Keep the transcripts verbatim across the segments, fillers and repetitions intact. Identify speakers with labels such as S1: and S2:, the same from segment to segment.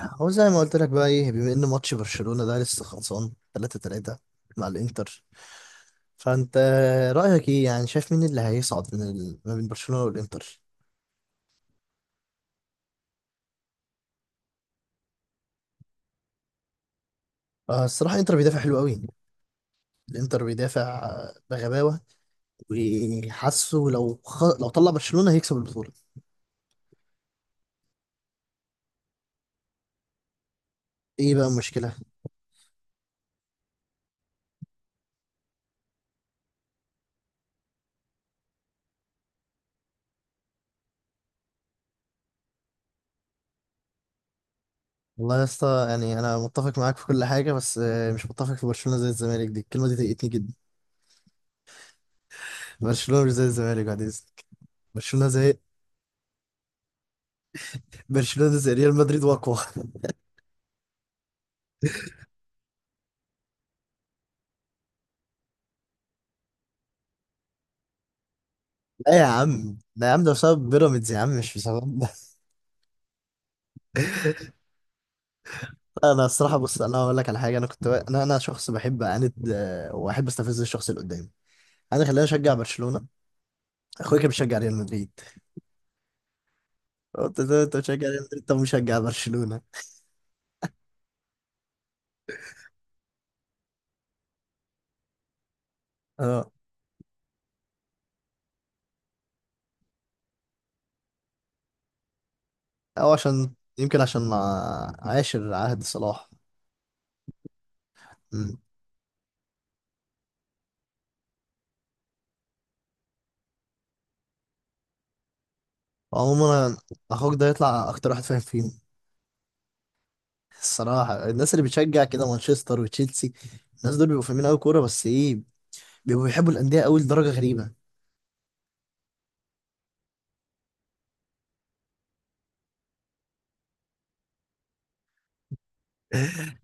S1: هو زي ما قلت لك بقى، ايه، بما ان ماتش برشلونة ده لسه خلصان تلاتة تلاتة مع الانتر. فانت رأيك ايه؟ يعني شايف مين اللي هيصعد من ال... ما بين برشلونة والانتر؟ آه، الصراحة الانتر بيدافع حلو قوي، الانتر بيدافع بغباوة. وحاسه لو خ... لو طلع برشلونة هيكسب البطولة. ايه بقى المشكلة؟ والله يا اسطى يعني انا متفق معاك في كل حاجة، بس آه، مش متفق في برشلونة زي الزمالك، دي الكلمة دي ضايقتني جدا. برشلونة مش زي الزمالك بعد اذنك. برشلونة زي، برشلونة زي ريال مدريد واقوى. ايه يا عم؟ ده يا عم ده بسبب بيراميدز يا عم، مش بسبب ده. انا الصراحه، بص، انا هقول لك على حاجه. انا كنت انا انا شخص بحب اعاند، آه، واحب استفز الشخص اللي قدامي. انا خلاني اشجع برشلونه. اخويا كان بيشجع ريال مدريد، قلت له انت بتشجع ريال مدريد؟ طب مشجع برشلونه. اه. او عشان يمكن عشان آه، عاشر عهد صلاح. مم. عموما أنا- اخوك ده يطلع اكتر واحد فاهم فيهم. الصراحه الناس اللي بتشجع كده مانشستر وتشيلسي، الناس دول بيبقوا فاهمين قوي كوره، بس ايه، بيبقوا بيحبوا الانديه قوي لدرجه غريبه.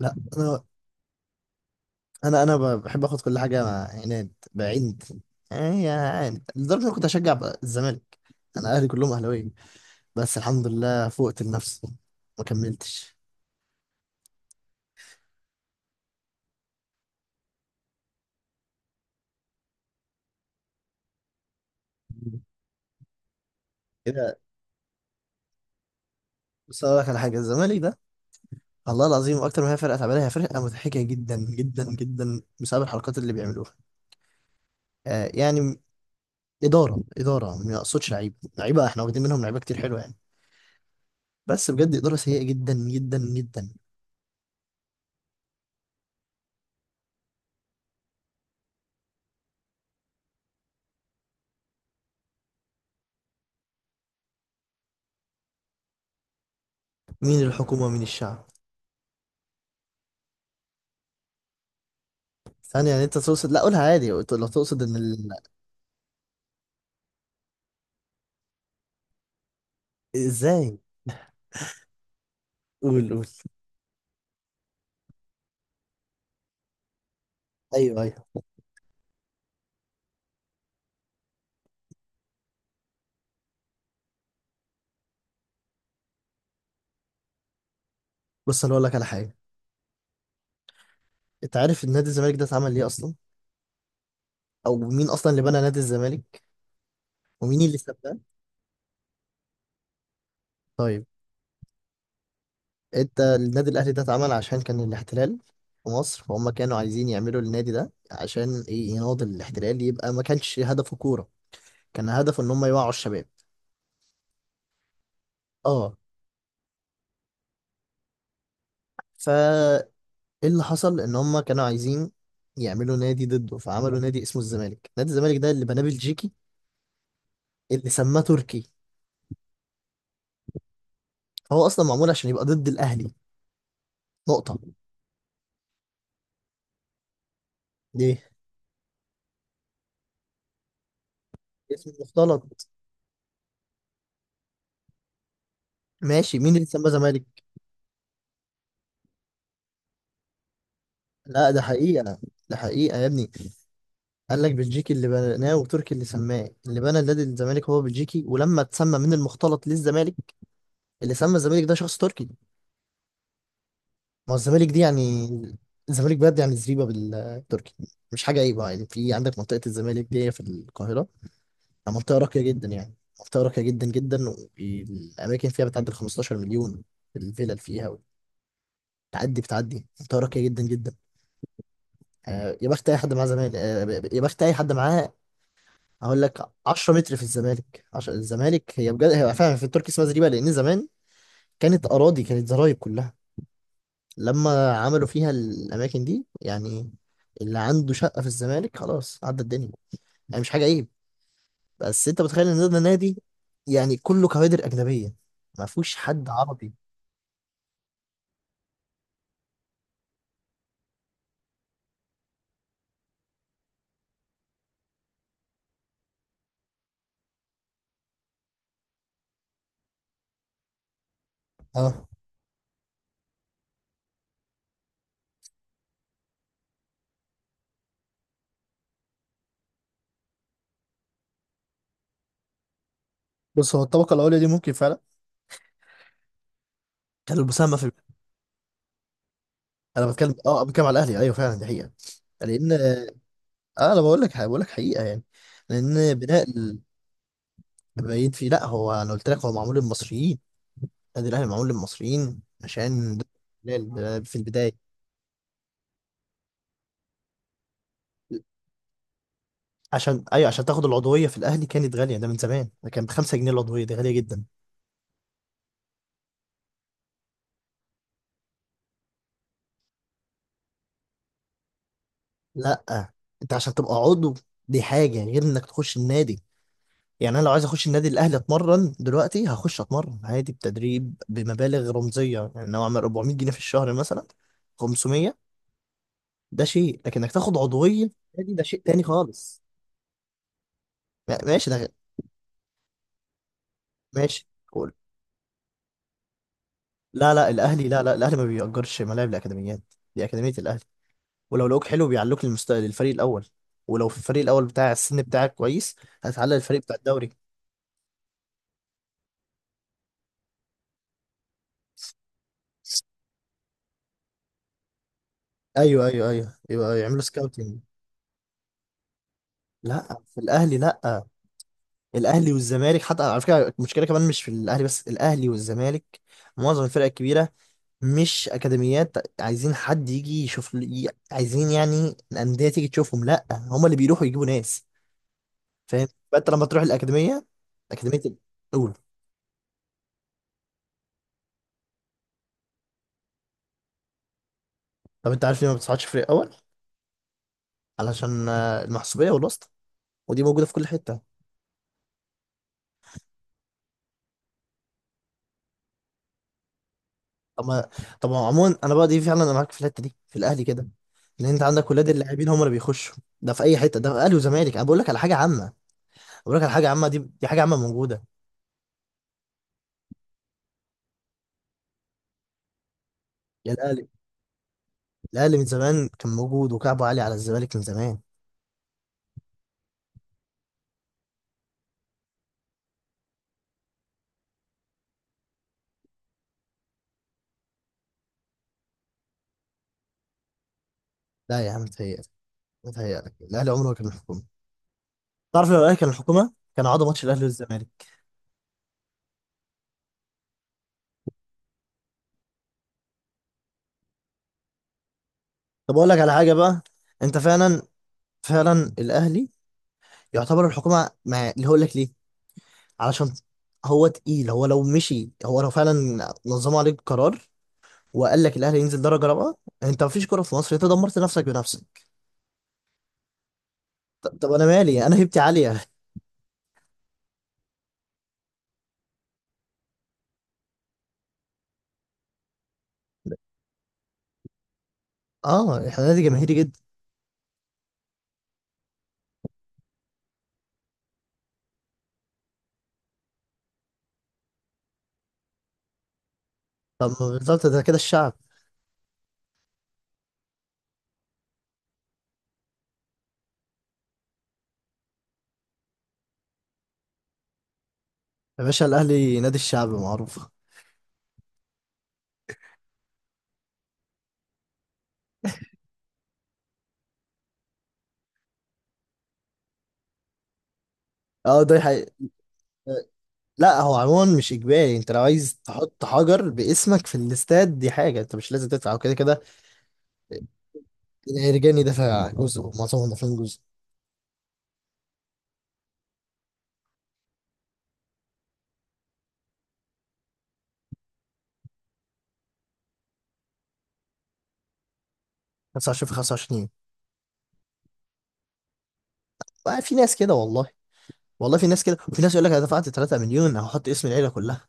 S1: لا انا، انا انا ب- بحب اخد كل حاجه مع عناد بعيد. يعني يعني لدرجه إن انا كنت اشجع بقى الزمالك. انا اهلي كلهم اهلاويه، بس الحمد لله فوقت النفس ما كملتش كده. بس اقول لك على حاجه، الزمالك ده والله العظيم اكتر ما هي فرقه تعبانه، هي فرقه مضحكه جدا جدا جدا بسبب الحركات اللي بيعملوها. آه يعني اداره اداره ما اقصدش لعيبه، لعيبه احنا واخدين منهم لعيبه كتير حلوه يعني، بس بجد اداره سيئه جدا جدا جدا. مين الحكومه مين الشعب؟ ثانية يعني انت تقصد، لا قولها عادي، قلت- لو تقصد ان ال... ازاي؟ قول قول. ايوه ايوه. بص انا اقول لك على حاجة. انت عارف نادي الزمالك ده اتعمل ليه اصلا؟ او مين اصلا اللي بنى نادي الزمالك؟ ومين اللي سابه؟ طيب، انت النادي الاهلي ده اتعمل عشان كان الاحتلال في مصر، فهم كانوا عايزين يعملوا النادي ده عشان ايه؟ يناضل الاحتلال. يبقى ما كانش هدفه كورة، كان هدفه ان هم يوعوا الشباب. اه. فا ايه اللي حصل؟ ان هم كانوا عايزين يعملوا نادي ضده، فعملوا نادي اسمه الزمالك. نادي الزمالك ده اللي بناه بلجيكي، اللي سماه تركي. هو اصلا معمول عشان يبقى ضد الاهلي. نقطه. دي اسم مختلط. ماشي، مين اللي سماه زمالك؟ لا ده حقيقه، ده حقيقه يا ابني. قال لك بلجيكي اللي بناه وتركي اللي سماه. اللي بنى النادي الزمالك هو بلجيكي، ولما اتسمى من المختلط للزمالك، اللي سمى الزمالك ده شخص تركي. ما هو الزمالك دي يعني، الزمالك بجد يعني زريبه بالتركي. مش حاجه عيبه يعني، في عندك منطقه الزمالك دي في القاهره، منطقة راقية جدا يعني، منطقة راقية جدا جدا، والأماكن فيها بتعدي ال خمستاشر مليون، الفلل فيها بتعدي بتعدي منطقة راقية جدا جدا. آه، يا بخت أي حد معاه زمالك، آه، يا بخت أي حد معاه. هقول لك عشرة متر في الزمالك عش... الزمالك هي بجد، هي فعلا في التركي اسمها زريبة، لأن زمان كانت أراضي، كانت زرايب كلها، لما عملوا فيها الأماكن دي يعني. اللي عنده شقة في الزمالك خلاص عدى الدنيا، يعني مش حاجة عيب. بس انت متخيل ان ده نادي يعني كله كوادر اجنبيه، ما فيهوش حد عربي. اه. بص هو الطبقه الاولى دي ممكن فعلا كان المساهمه في، انا بتكلم، اه بتكلم على الاهلي، ايوه فعلا دي حقيقه. لان اه، انا بقول لك بقول لك حقيقه يعني. لان بناء ال- باين فيه. لا هو انا قلت لك هو معمول للمصريين. النادي الاهلي معمول للمصريين عشان ده الاحتلال في البدايه. عشان، ايوه، عشان تاخد العضويه في الاهلي كانت غاليه، ده من زمان ده كان ب خمسة جنيه، العضويه دي غاليه جدا. لا انت عشان تبقى عضو دي حاجه غير انك تخش النادي. يعني انا لو عايز اخش النادي الاهلي اتمرن دلوقتي، هخش اتمرن عادي بتدريب بمبالغ رمزيه، يعني لو اعمل اربعمائة جنيه في الشهر مثلا، خمسمية، ده شيء. لكن انك تاخد عضويه في النادي ده شيء تاني خالص. ما- ماشي ده غ- ماشي قول. لا لا الاهلي، لا لا الاهلي ما بيأجرش ملاعب الاكاديميات. دي اكاديميه الاهلي، ولو لقوك حلو بيعلوك للمست... للفريق الاول، ولو في الفريق الاول بتاع السن بتاعك كويس هتعلق الفريق بتاع الدوري. ايوه ايوه ايوه، يبقى يعملوا سكاوتنج. لا في الاهلي، لا الاهلي والزمالك. حتى على فكره المشكله كمان مش في الاهلي بس، الاهلي والزمالك معظم الفرق الكبيره مش اكاديميات عايزين حد يجي يشوف ي- عايزين يعني الانديه تيجي تشوفهم، لا هم اللي بيروحوا يجيبوا ناس. فاهم؟ فانت لما تروح الاكاديميه، اكاديميه الاولى. طب انت عارف ليه ما بتصعدش فريق اول؟ علشان آه، المحسوبيه والواسطه، ودي موجوده في كل حته. طب ما طب ما عموما انا بقى دي فعلا انا معاك في الحته دي، في الاهلي كده، لان انت عندك ولاد اللاعبين هم اللي بيخشوا. ده في اي حته، ده في اهلي وزمالك، انا بقول لك على حاجه عامه. بقول لك على حاجه عامه، دي دي حاجه عامه موجوده. يا الاهلي، الاهلي من زمان كان موجود وكعبه عالي على الزمالك من زمان. لا يا عم متهيألك، متهيألك. الاهلي عمره ما كان الحكومه. تعرف لو الاهلي كان الحكومه كان عاد ماتش الاهلي والزمالك. طب اقول لك على حاجه بقى. انت فعلا، فعلا الاهلي يعتبر الحكومه، مع اللي هقول لك ليه؟ علشان هو تقيل. هو لو مشي هو لو فعلا نظموا عليك قرار وقال لك الاهلي ينزل درجه رابعه، انت مفيش كوره في مصر، انت دمرت نفسك بنفسك. طب, طب انا مالي؟ انا هيبتي عاليه. اه احنا نادي جماهيري جدا. طب ما بالظبط ده كده الشعب. يا باشا الاهلي نادي الشعب معروفه. اه ده حقيقي. لا هو عموما مش اجباري، انت لو عايز تحط حجر باسمك في الاستاد دي حاجه، انت مش لازم تدفع وكده كده. الرجاني دافع جزء، معظمهم دافعين جزء. خمسة وعشرين في خمسة وعشرين. بقى في ناس كده والله، والله في ناس كده، وفي ناس يقول لك انا دفعت 3 مليون، هحط اسم العيله كلها.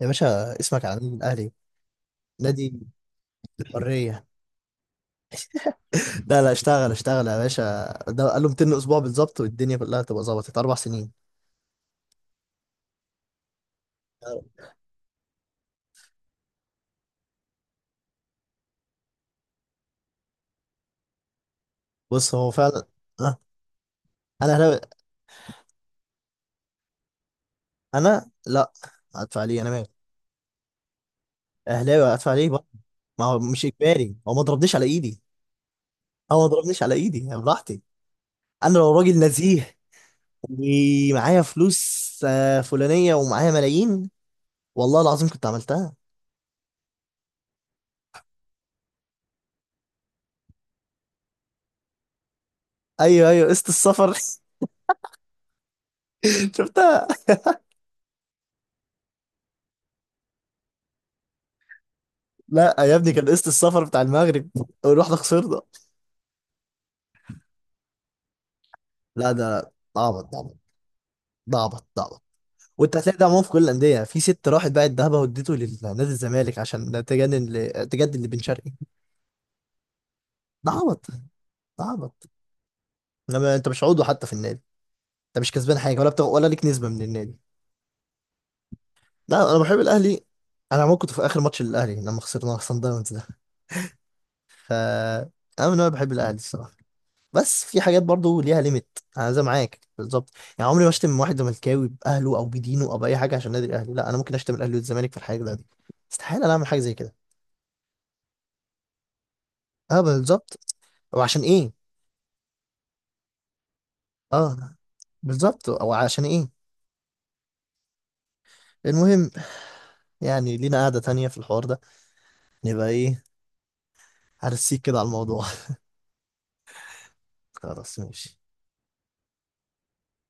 S1: يا باشا اسمك على النادي الاهلي، نادي حرية. لا لا اشتغل اشتغل يا باشا. ده قال له مئتين اسبوع بالظبط والدنيا كلها هتبقى ظبطت اربع سنين. بص هو فعلا. اه، انا اهلاوي. انا لا، هدفع ليه؟ انا مالي؟ اهلاوي هدفع ليه بقى؟ ما هو مش اجباري، هو ما ضربنيش على ايدي. هو ما ضربنيش على ايدي، يعني براحتي. انا لو راجل نزيه ومعايا فلوس آه، فلانية ومعايا ملايين، والله العظيم كنت عملتها. ايوه ايوه، قسط السفر. شفتها. لا يا ابني، كان قسط السفر بتاع المغرب ورحنا خسرنا. لا ده، ده عبط، ده عبط، ده عبط، ده عبط. وانت هتلاقي ده عموما في كل الانديه، في ست راحت باعت ذهبها واديته لنادي الزمالك عشان تجنن ل- تجدد لبن شرقي. ده عبط، ده عبط. انما انت مش عضو حتى في النادي، انت مش كسبان حاجه ولا بتاع، ولا ليك نسبه من النادي. لا انا بحب الاهلي. انا عموما كنت في اخر ماتش للاهلي لما خسرنا صن داونز ده. ف انا من النوع اللي بحب الاهلي الصراحه، بس في حاجات برضو ليها ليميت، انا زي معاك بالظبط. يعني عمري ما اشتم واحد زملكاوي باهله او بدينه او باي حاجه عشان نادي الاهلي، لا. انا ممكن اشتم الاهلي والزمالك في الحاجه دي، استحاله انا اعمل حاجه زي كده. اه بالظبط، او عشان ايه؟ اه بالظبط او عشان ايه المهم، يعني لينا قعده تانية في الحوار ده، نبقى ايه، هرسيك كده على الموضوع. خلاص ماشي.